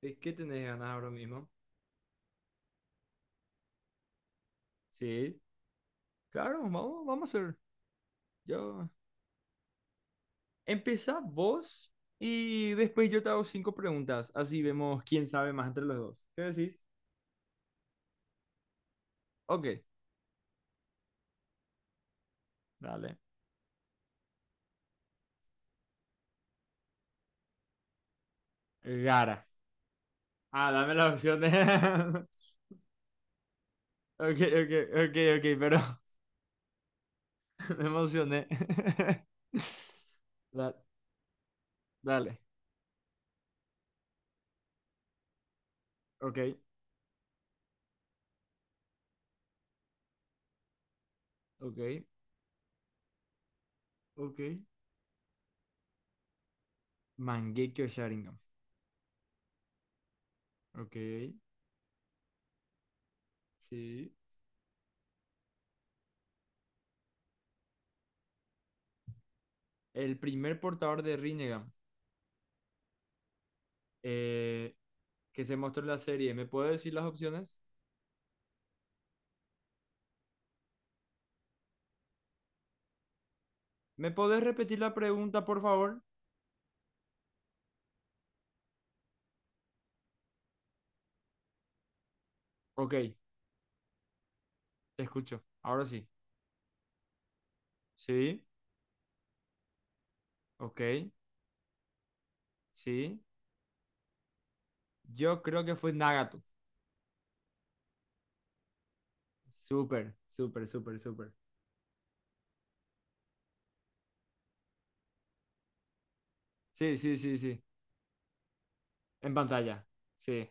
¿De qué tenés ganas ahora mismo? Sí, claro, vamos, vamos a hacer. Yo... Empezá vos y después yo te hago cinco preguntas. Así vemos quién sabe más entre los dos. ¿Qué decís? Ok. Dale. Gara. Ah, dame las opciones. Ok, ok, ok, ok, pero Me emocioné. Da- Dale. Ok, ok, ok. Mangekyo Sharingan. Ok, sí. El primer portador de Rinnegan. Eh, que se mostró en la serie. ¿Me puedes decir las opciones? ¿Me podés repetir la pregunta, por favor? Ok, te escucho. Ahora sí. Sí, ok, sí. Yo creo que fue Nagato. Súper, súper, súper, súper. Sí, sí, sí, sí. En pantalla. Sí,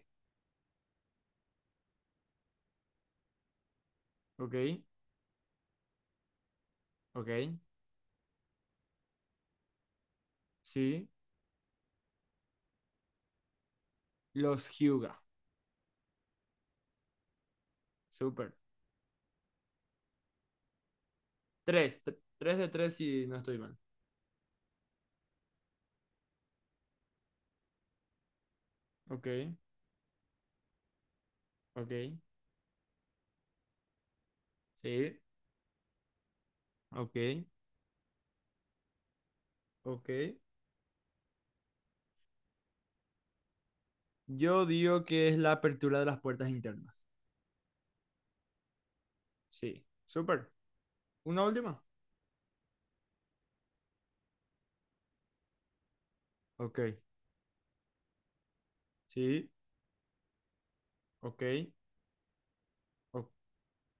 ok, ok, sí. Los Hyuga. Súper. Tres de tres si no estoy mal. Ok, ok, sí, ok, ok. Yo digo que es la apertura de las puertas internas. Sí, súper. ¿Una última? Ok, sí, ok. o-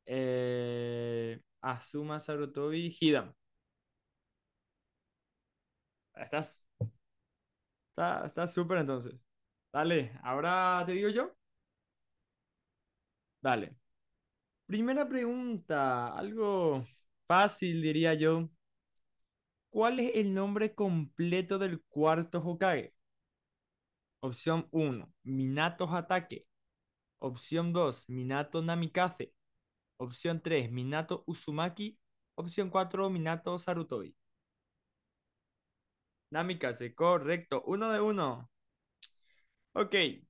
Azuma Sarutobi Hidan. Estás, está súper entonces. Dale, ahora te digo yo. Dale. Primera pregunta, algo fácil diría yo. ¿Cuál es el nombre completo del cuarto Hokage? Opción uno, Minato Hatake. Opción 2, Minato Namikaze. Opción 3 Minato Uzumaki. Opción 4 Minato Sarutobi. Namikaze, correcto. Uno de uno. Ok.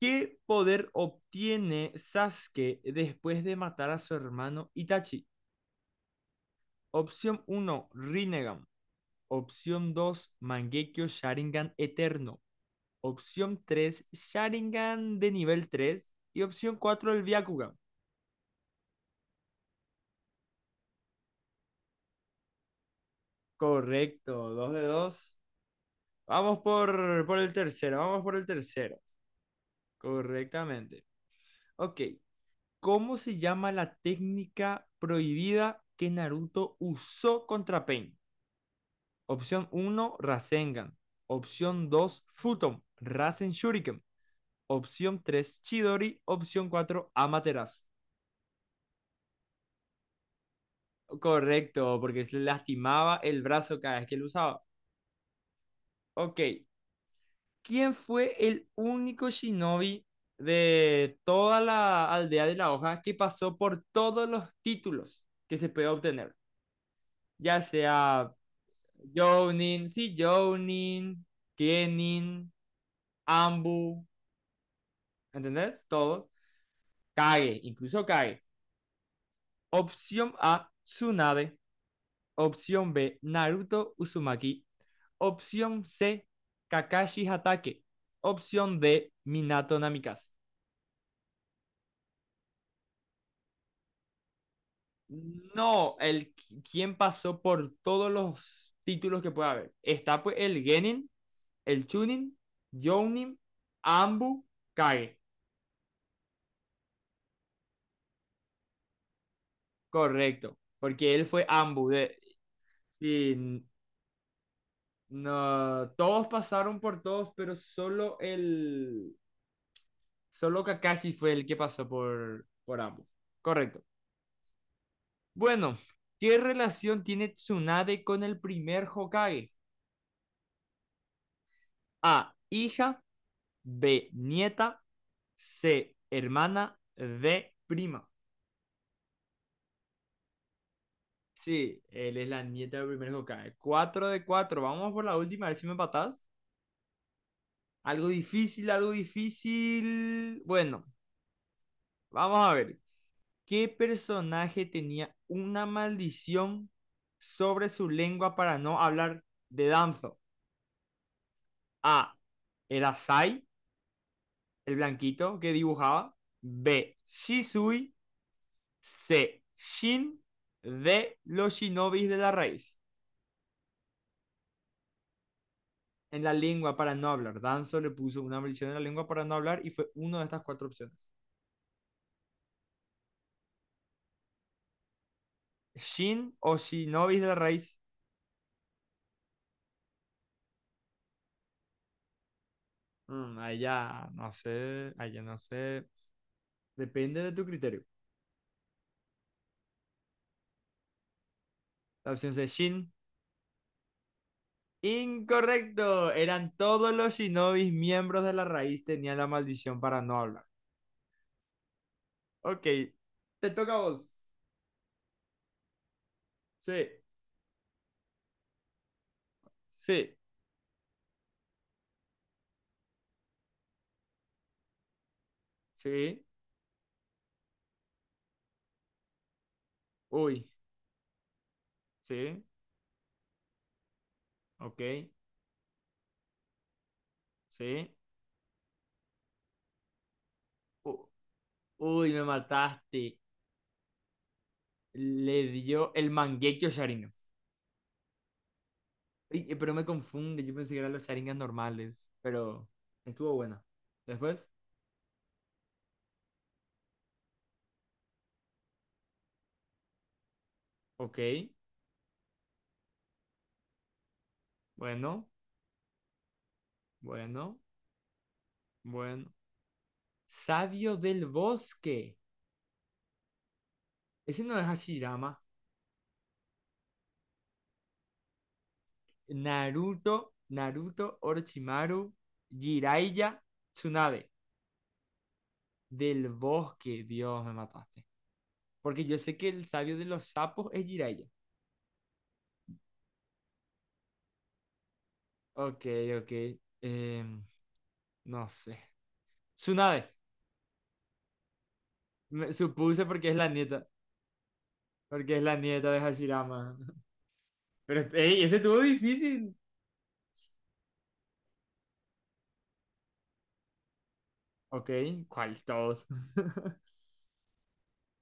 ¿Qué poder obtiene Sasuke después de matar a su hermano Itachi? Opción uno Rinnegan. Opción 2 Mangekyo Sharingan Eterno. Opción 3 Sharingan de nivel tres Y opción 4 el Byakugan. Correcto, dos de dos. Vamos por el tercero, vamos por el tercero. Correctamente. Ok, ¿cómo se llama la técnica prohibida que Naruto usó contra Pain? Opción uno Rasengan. Opción 2 Futon, Rasen Shuriken. Opción 3 Chidori. Opción 4 Amaterasu. Correcto, porque se le lastimaba el brazo cada vez que lo usaba. Ok, ¿quién fue el único shinobi de toda la aldea de la hoja que pasó por todos los títulos que se puede obtener? Ya sea Jounin, sí, Jounin, Kenin, Ambu, ¿entendés? Todo. Kage, incluso Kage. Opción A, Tsunade. Opción B, Naruto Uzumaki. Opción C, Kakashi Hatake. Opción D, Minato Namikaze. No, el quien pasó por todos los títulos que puede haber. Está pues el Genin, el Chunin, Jounin, Ambu, Kage. Correcto, porque él fue Ambu. De, sí, no, todos pasaron por todos, pero solo Kakashi fue el que pasó por Ambu. Correcto. Bueno, ¿qué relación tiene Tsunade con el primer Hokage? A, hija, B, nieta, C, hermana, D, prima. Sí, él es la nieta del primer Hokage. 4 de cuatro. Vamos por la última, a ver si me empatás. Algo difícil, algo difícil. Bueno, vamos a ver. ¿Qué personaje tenía una maldición sobre su lengua para no hablar de Danzo? A. Era Sai, el blanquito que dibujaba. B. Shisui. C. Shin. D. Los shinobis de la raíz. En la lengua para no hablar. Danzo le puso una maldición en la lengua para no hablar y fue una de estas cuatro opciones. Shin o shinobis de la raíz. Ahí ya no sé, ahí ya no sé. Depende de tu criterio. La opción C, Shin. Incorrecto. Eran todos los shinobis miembros de la raíz tenían la maldición para no hablar. Ok, te toca a vos. Sí, sí, sí. Uy, sí, ok, sí. U- uy, me mataste. Le dio el Mangekyo Sharingan. Uy, pero me confunde, yo pensé que eran los Sharingan normales, pero estuvo buena. Después, ok. Bueno, bueno, bueno. Sabio del bosque. Ese no es Hashirama. Naruto, Naruto, Orochimaru, Jiraiya, Tsunade. Del bosque, Dios, me mataste. Porque yo sé que el sabio de los sapos es Jiraiya. Ok, ok. em, no sé. Tsunade. Me supuse porque es la nieta. Porque es la nieta de Hashirama. Pero, ey, ese estuvo difícil. Ok, ¿cuál? Todos.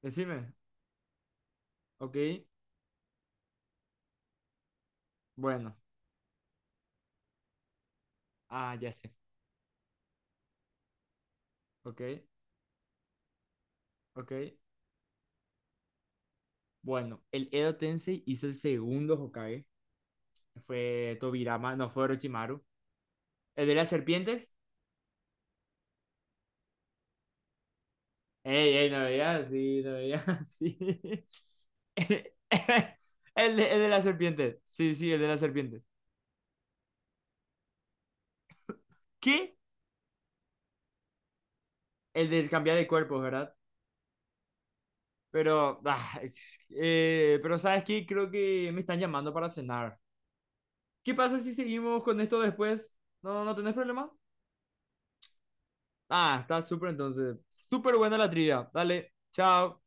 Decime. Ok. Bueno, ah, ya sé. Ok, ok. Bueno, el Edo Tensei hizo el segundo Hokage. Fue Tobirama, no fue Orochimaru. ¿El de las serpientes? Ey, ey, no veía así, no veía así. El de las serpientes. Sí, sí, el de las serpientes. ¿Qué? El del cambiar de cuerpos, ¿verdad? Pero, ah, pero ¿sabes qué? Creo que me están llamando para cenar. ¿Qué pasa si seguimos con esto después? ¿No, no tenés problema? Ah, está súper entonces. Súper buena la trivia. Dale, chao.